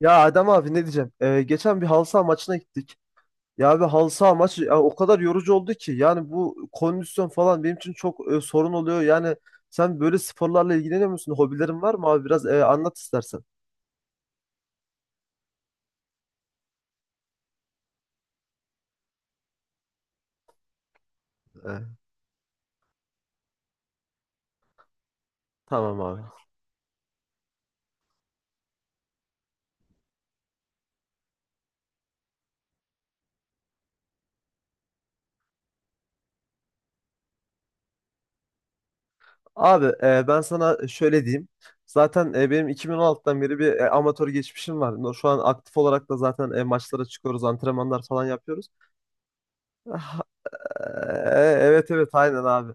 Ya Adem abi ne diyeceğim? Geçen bir halı saha maçına gittik. Ya abi halı saha maçı ya o kadar yorucu oldu ki. Yani bu kondisyon falan benim için çok sorun oluyor. Yani sen böyle sporlarla ilgileniyor musun? Hobilerin var mı abi? Biraz anlat istersen. E, tamam abi. Abi ben sana şöyle diyeyim. Zaten benim 2016'dan beri bir amatör geçmişim var. Şu an aktif olarak da zaten maçlara çıkıyoruz, antrenmanlar falan yapıyoruz. Ah, e, evet evet, aynen abi.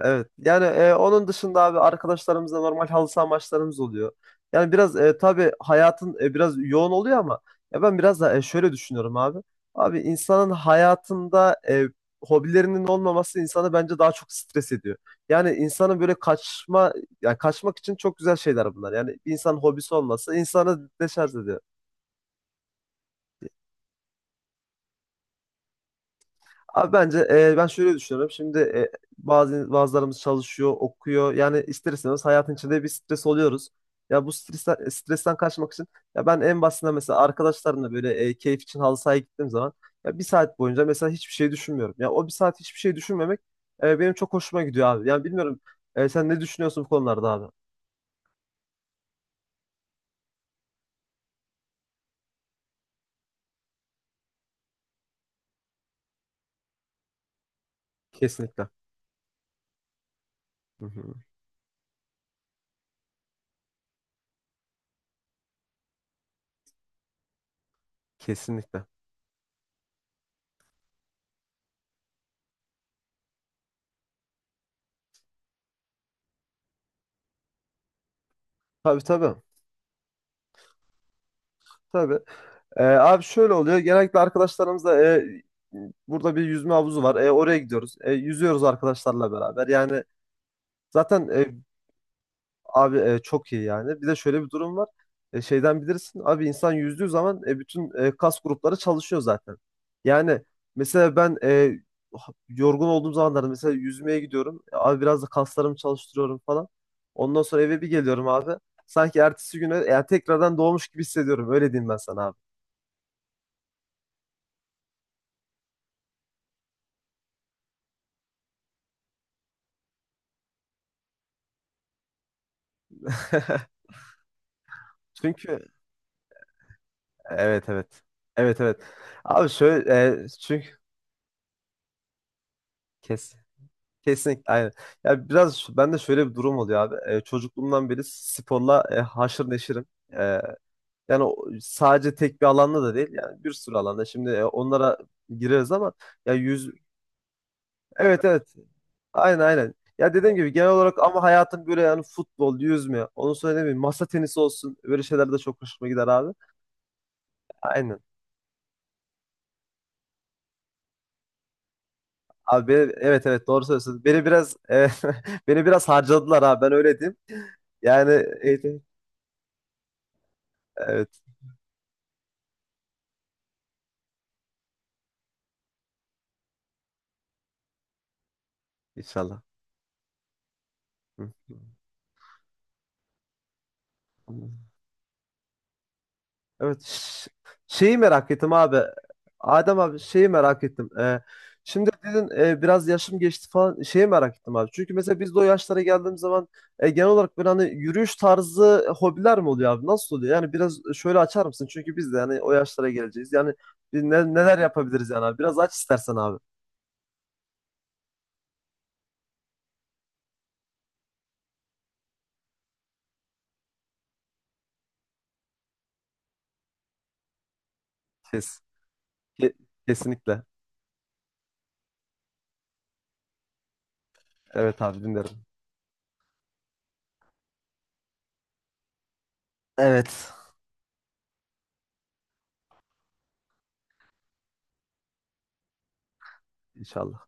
Evet. Yani onun dışında abi arkadaşlarımızla normal halı saha maçlarımız oluyor. Yani biraz tabii hayatın biraz yoğun oluyor ama ya ben biraz da şöyle düşünüyorum abi. Abi insanın hayatında hobilerinin olmaması insanı bence daha çok stres ediyor. Yani insanın böyle yani kaçmak için çok güzel şeyler bunlar. Yani bir insanın hobisi olması insanı deşarj ediyor. Abi bence ben şöyle düşünüyorum. Şimdi bazılarımız çalışıyor, okuyor. Yani ister istemez hayatın içinde bir stres oluyoruz. Ya bu stresten kaçmak için ya ben en basitinden mesela arkadaşlarımla böyle keyif için halı sahaya gittiğim zaman ya bir saat boyunca mesela hiçbir şey düşünmüyorum. Ya o bir saat hiçbir şey düşünmemek benim çok hoşuma gidiyor abi. Yani bilmiyorum, sen ne düşünüyorsun bu konularda abi? Kesinlikle. Hı hı. Kesinlikle. Tabii tabii. Tabii. Abi şöyle oluyor. Genellikle arkadaşlarımızla burada bir yüzme havuzu var. E, oraya gidiyoruz. E, yüzüyoruz arkadaşlarla beraber. Yani zaten abi çok iyi yani. Bir de şöyle bir durum var. Şeyden bilirsin. Abi insan yüzdüğü zaman bütün kas grupları çalışıyor zaten. Yani mesela ben yorgun olduğum zamanlarda mesela yüzmeye gidiyorum. Abi biraz da kaslarımı çalıştırıyorum falan. Ondan sonra eve bir geliyorum abi. Sanki ertesi güne yani tekrardan doğmuş gibi hissediyorum. Öyle diyeyim ben sana abi. Çünkü evet evet. Evet evet. Abi şöyle çünkü kes kesinlikle aynen. Ya biraz ben şöyle bir durum oluyor abi. E, çocukluğumdan beri sporla haşır neşirim. E, yani sadece tek bir alanda da değil yani bir sürü alanda. Şimdi onlara gireriz ama ya yüz evet evet. Aynen aynen. Ya dediğim gibi genel olarak ama hayatım böyle yani futbol, yüzme, onu söylemeyeyim. Masa tenisi olsun. Böyle şeyler de çok hoşuma gider abi. Aynen. Evet evet, doğru söylüyorsun. Beni biraz beni biraz harcadılar abi, ben öyle diyeyim. Yani eğitim evet inşallah. Hı. Evet, şeyi merak ettim abi. Adem abi şeyi merak ettim. Şimdi dedin, biraz yaşım geçti falan, şeyi merak ettim abi. Çünkü mesela biz de o yaşlara geldiğimiz zaman genel olarak böyle hani yürüyüş tarzı hobiler mi oluyor abi? Nasıl oluyor? Yani biraz şöyle açar mısın? Çünkü biz de yani o yaşlara geleceğiz. Yani biz neler yapabiliriz yani abi? Biraz aç istersen abi. Kes. Ke- Kesinlikle. Evet abi dinlerim. Evet. İnşallah.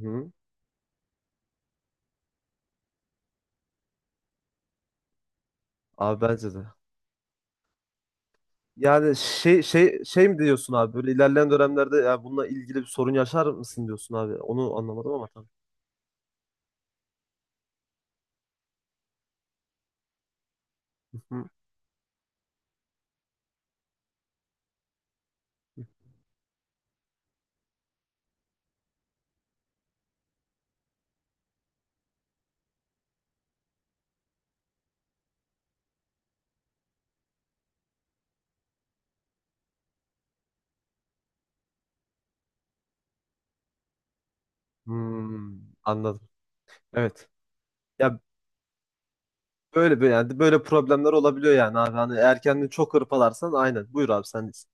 Hı. Abi bence de. Yani şey mi diyorsun abi, böyle ilerleyen dönemlerde ya bununla ilgili bir sorun yaşar mısın diyorsun abi. Onu anlamadım ama tamam. Hı hı. Hmm, anladım. Evet. Ya böyle böyle yani böyle problemler olabiliyor yani abi. Hani erkenden çok hırpalarsan, aynen. Buyur abi, sendeyiz.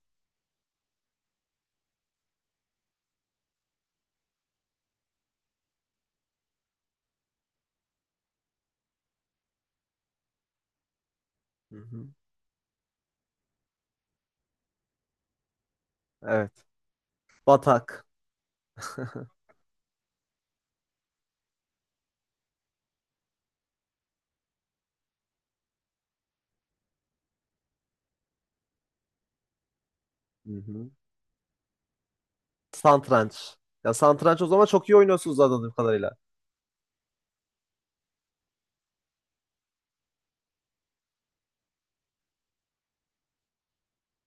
Hı hı. Evet. Batak. Hı hı. Satranç. Ya satranç, o zaman çok iyi oynuyorsunuz anladığım kadarıyla.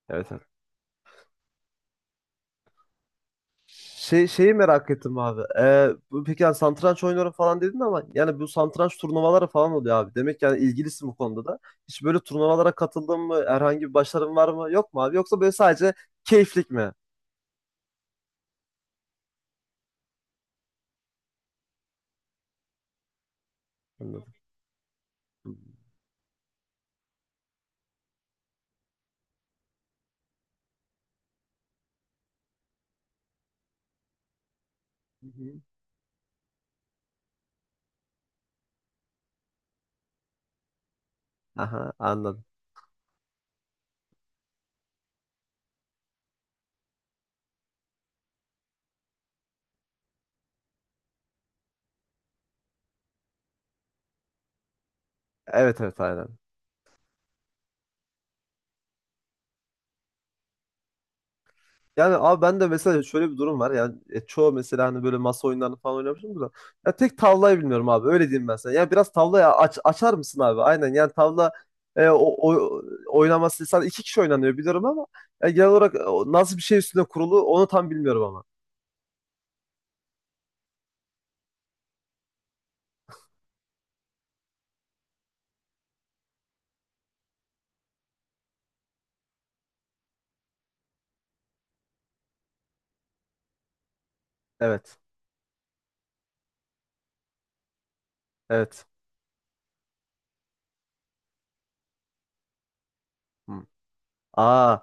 Evet. Şey, şeyi merak ettim abi. Peki yani satranç oynuyorum falan dedin ama yani bu satranç turnuvaları falan oluyor abi. Demek yani ilgilisin bu konuda da. Hiç böyle turnuvalara katıldın mı? Herhangi bir başarın var mı? Yok mu abi? Yoksa böyle sadece keyiflik mi? Anladım. Hı hı. Aha, anladım. Evet evet, aynen. Yani abi ben de mesela şöyle bir durum var. Yani çoğu, mesela hani böyle masa oyunlarını falan oynamışım da. Ya tek tavlayı bilmiyorum abi. Öyle diyeyim ben sana. Ya biraz tavlayı açar mısın abi? Aynen, yani tavla e, o, o- oynaması sadece iki kişi oynanıyor biliyorum ama ya genel olarak o nasıl bir şey üstüne kurulu onu tam bilmiyorum ama. Evet. Evet. Hmm. Aa,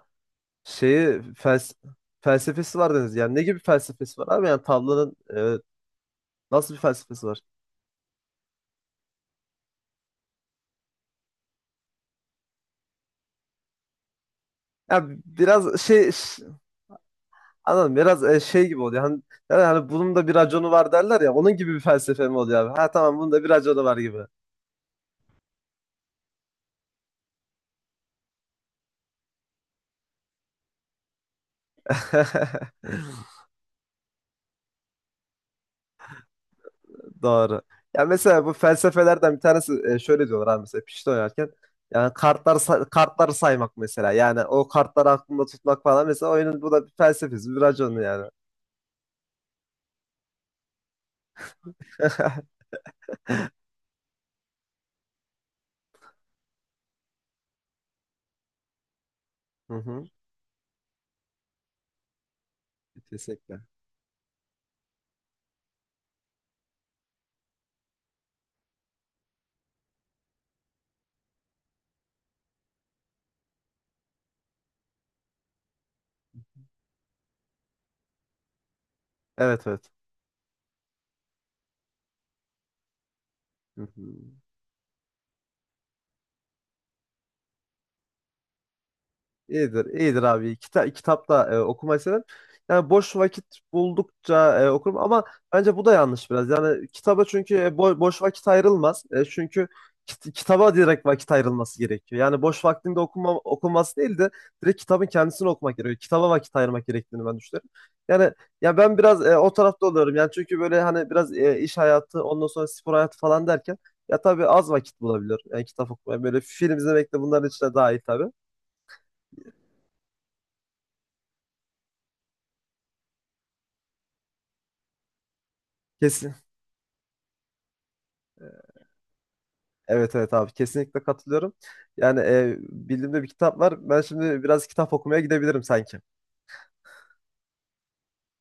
şeyi felsefesi var dediniz. Yani ne gibi felsefesi var abi? Yani tavlanın nasıl bir felsefesi var? Ya biraz şey Anladım. Biraz şey gibi oluyor. Yani hani bunun da bir raconu var derler ya. Onun gibi bir felsefe mi oluyor abi? Ha, tamam, bunun da bir raconu var gibi. Doğru. Ya mesela bu felsefelerden bir tanesi şöyle diyorlar abi, mesela pişti oynarken. Yani kartları saymak mesela. Yani o kartları aklında tutmak falan, mesela oyunun bu da bir felsefesi, bir raconu yani. Hı hı. Kesinlikle. Evet evet. Hı hı. İyidir, iyidir abi. Kitapta okumayı severim. Yani boş vakit buldukça okurum ama bence bu da yanlış biraz. Yani kitaba çünkü boş vakit ayrılmaz. E, çünkü kitaba direkt vakit ayrılması gerekiyor. Yani boş vaktinde okuma okunması değil de direkt kitabın kendisini okumak gerekiyor. Kitaba vakit ayırmak gerektiğini ben düşünüyorum. Yani ya ben biraz o tarafta oluyorum. Yani çünkü böyle hani biraz iş hayatı, ondan sonra spor hayatı falan derken ya tabii az vakit bulabilir. Yani kitap okumaya böyle film izlemek de bunların içine dahil tabii. Kesinlikle. Evet evet abi, kesinlikle katılıyorum. Yani bildiğimde bir kitap var. Ben şimdi biraz kitap okumaya gidebilirim sanki.